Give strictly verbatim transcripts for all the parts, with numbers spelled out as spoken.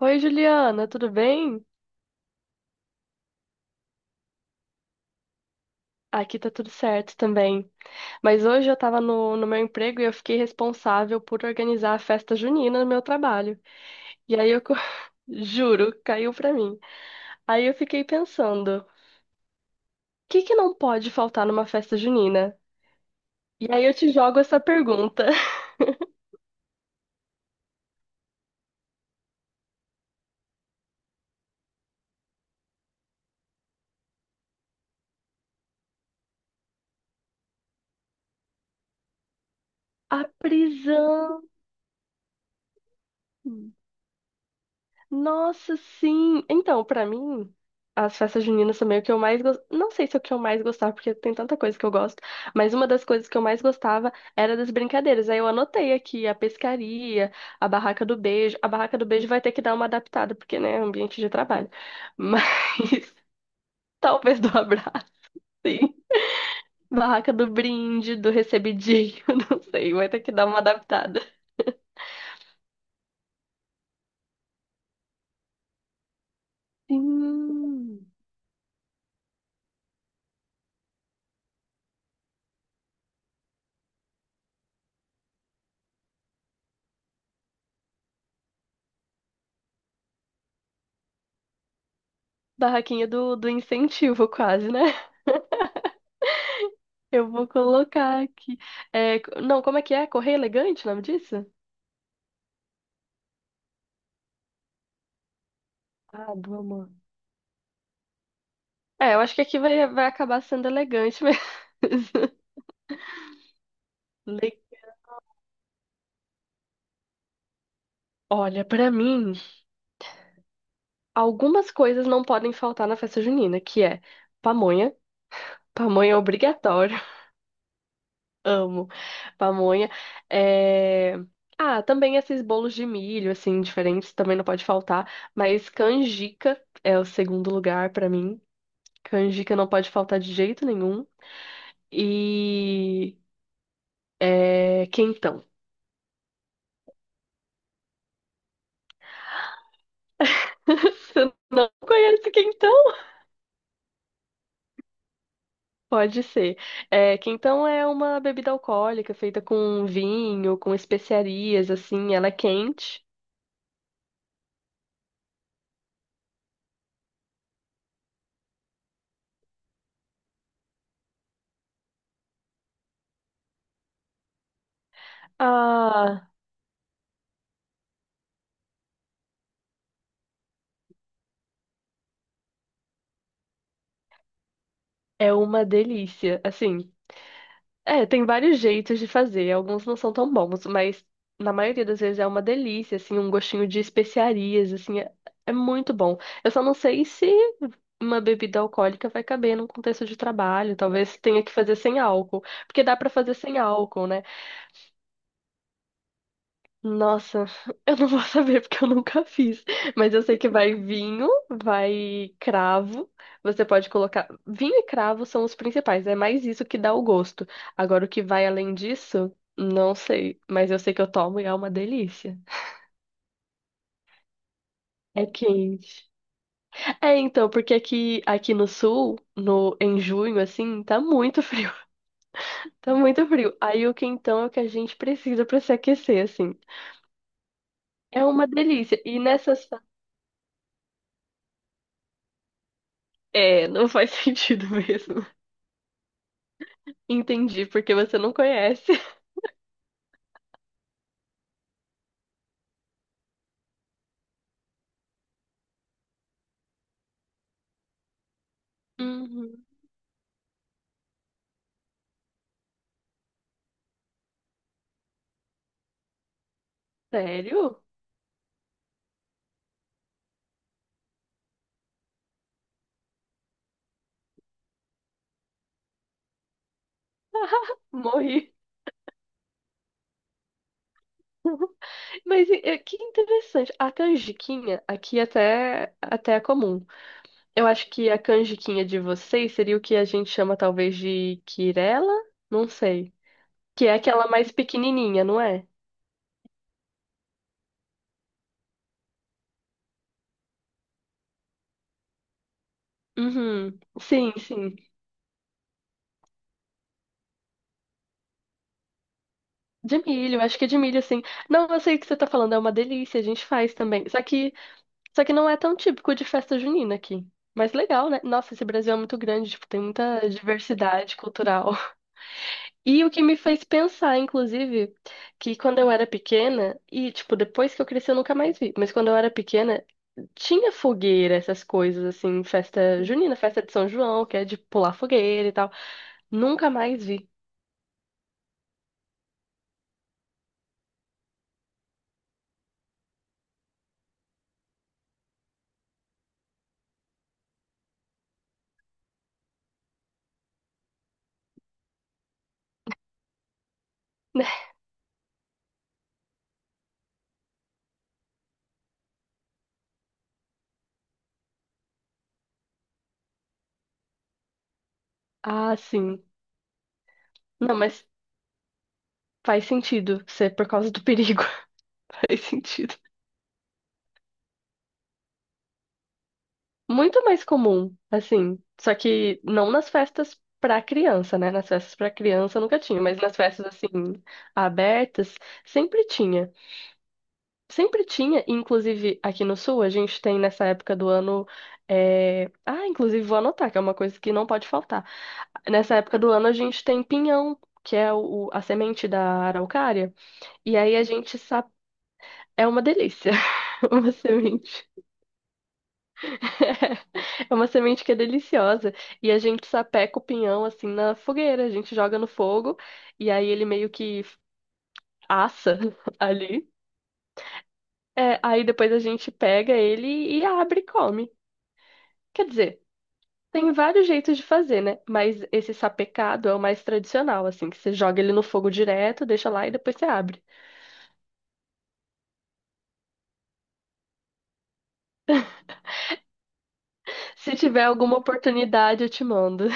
Oi, Juliana, tudo bem? Aqui tá tudo certo também. Mas hoje eu tava no, no meu emprego e eu fiquei responsável por organizar a festa junina no meu trabalho. E aí eu co- juro, caiu pra mim. Aí eu fiquei pensando, o que que não pode faltar numa festa junina? E aí eu te jogo essa pergunta. A prisão. Nossa, sim. Então, pra mim, as festas juninas também, o que eu mais gostava. Não sei se é o que eu mais gostava, porque tem tanta coisa que eu gosto, mas uma das coisas que eu mais gostava era das brincadeiras. Aí eu anotei aqui a pescaria, a barraca do beijo. A barraca do beijo vai ter que dar uma adaptada, porque, né, é um ambiente de trabalho. Mas talvez do abraço, sim. Barraca do brinde, do recebidinho, não sei, vai ter que dar uma adaptada. Sim. Barraquinha do, do incentivo, quase, né? Eu vou colocar aqui. É, co- não, como é que é? Correr elegante, o nome disso? Ah, do amor. É, eu acho que aqui vai, vai acabar sendo elegante mesmo. Le- Olha, pra mim, algumas coisas não podem faltar na festa junina, que é pamonha. Pamonha é obrigatório. Amo pamonha. É, Ah, também esses bolos de milho, assim, diferentes, também não pode faltar. Mas canjica é o segundo lugar pra mim. Canjica não pode faltar de jeito nenhum. e É, quentão. Você não conhece quentão? Pode ser. É, quentão é uma bebida alcoólica feita com vinho, com especiarias, assim, ela é quente. Ah, é uma delícia. Assim, é, tem vários jeitos de fazer. Alguns não são tão bons, mas na maioria das vezes é uma delícia, assim, um gostinho de especiarias, assim, é, é muito bom. Eu só não sei se uma bebida alcoólica vai caber num contexto de trabalho. Talvez tenha que fazer sem álcool, porque dá pra fazer sem álcool, né? Nossa, eu não vou saber porque eu nunca fiz. Mas eu sei que vai vinho, vai cravo. Você pode colocar. Vinho e cravo são os principais. É mais isso que dá o gosto. Agora, o que vai além disso, não sei. Mas eu sei que eu tomo e é uma delícia. É quente. É, então, porque aqui, aqui no sul, no, em junho, assim, tá muito frio. Tá muito frio. Aí o quentão é o que a gente precisa pra se aquecer, assim. É uma delícia. E nessas. É, não faz sentido mesmo. Entendi, porque você não conhece. Uhum. Sério? Morri. Mas é, que interessante. A canjiquinha aqui até, até é comum. Eu acho que a canjiquinha de vocês seria o que a gente chama talvez de quirela? Não sei. Que é aquela mais pequenininha, não é? Uhum. Sim, sim. De milho, acho que é de milho, sim. Não, eu sei o que você tá falando, é uma delícia, a gente faz também. Só que Só que não é tão típico de festa junina aqui. Mas legal, né? Nossa, esse Brasil é muito grande, tipo, tem muita diversidade cultural. E o que me fez pensar, inclusive, que quando eu era pequena, e, tipo, depois que eu cresci eu nunca mais vi, mas quando eu era pequena, tinha fogueira, essas coisas, assim, festa junina, festa de São João, que é de pular fogueira e tal. Nunca mais vi. Ah, sim. Não, mas faz sentido ser por causa do perigo. Faz sentido. Muito mais comum, assim. Só que não nas festas pra criança, né? Nas festas pra criança nunca tinha, mas nas festas, assim, abertas, sempre tinha. Sempre tinha, e, inclusive aqui no Sul, a gente tem nessa época do ano. é, Ah, inclusive vou anotar, que é uma coisa que não pode faltar. Nessa época do ano, a gente tem pinhão, que é o a semente da araucária. E aí a gente sabe. É uma delícia, uma semente. É uma semente que é deliciosa. E a gente sapeca o pinhão assim na fogueira. A gente joga no fogo e aí ele meio que assa ali. É, aí depois a gente pega ele e abre e come. Quer dizer, tem vários jeitos de fazer, né? Mas esse sapecado é o mais tradicional, assim, que você joga ele no fogo direto, deixa lá e depois você abre. Se tiver alguma oportunidade, eu te mando.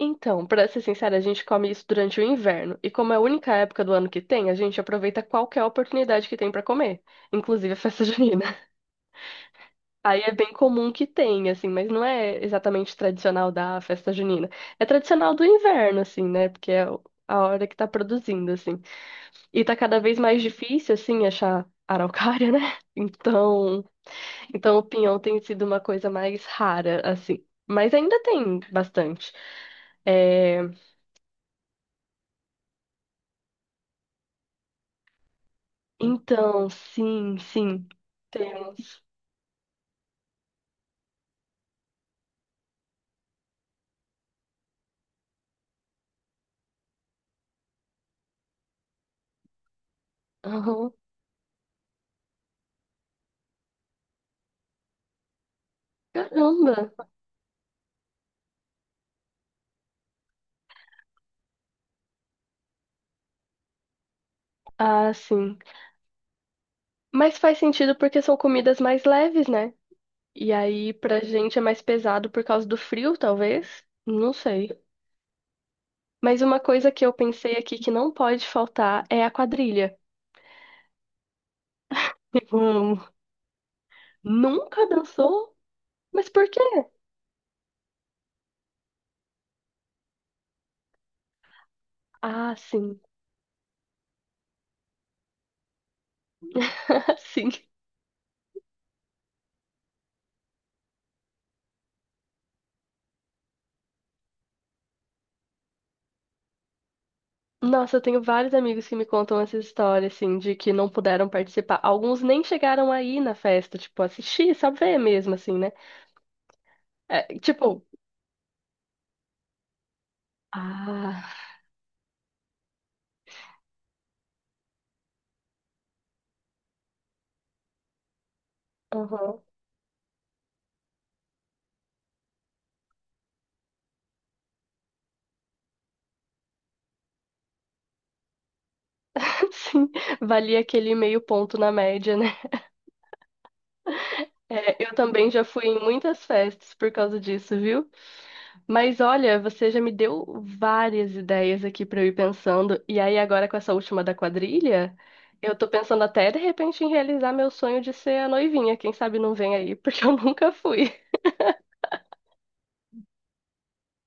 Então, pra ser sincera, a gente come isso durante o inverno. E como é a única época do ano que tem, a gente aproveita qualquer oportunidade que tem pra comer, inclusive a festa junina. Aí é bem comum que tenha, assim, mas não é exatamente tradicional da festa junina. É tradicional do inverno, assim, né? Porque é a hora que tá produzindo, assim. E tá cada vez mais difícil, assim, achar araucária, né? Então, então o pinhão tem sido uma coisa mais rara, assim. Mas ainda tem bastante. É, Então, sim, sim, temos. Aham. Caramba! Ah, sim. Mas faz sentido porque são comidas mais leves, né? E aí, pra gente é mais pesado por causa do frio, talvez? Não sei. Mas uma coisa que eu pensei aqui que não pode faltar é a quadrilha. Hum, nunca dançou? Mas por quê? Ah, sim. Sim. Nossa, eu tenho vários amigos que me contam essa história, assim, de que não puderam participar. Alguns nem chegaram aí na festa, tipo, assistir, só ver mesmo, assim, né? É, tipo, ah, aham. Sim, valia aquele meio ponto na média, né? É, eu também já fui em muitas festas por causa disso, viu? Mas olha, você já me deu várias ideias aqui pra eu ir pensando. E aí, agora com essa última da quadrilha, eu tô pensando até de repente em realizar meu sonho de ser a noivinha. Quem sabe não vem aí, porque eu nunca fui.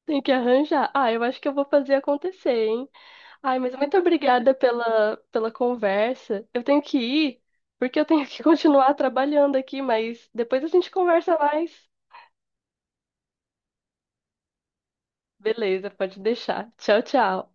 Tem que arranjar. Ah, eu acho que eu vou fazer acontecer, hein? Ai, mas muito obrigada pela, pela conversa. Eu tenho que ir, porque eu tenho que continuar trabalhando aqui, mas depois a gente conversa mais. Beleza, pode deixar. Tchau, tchau.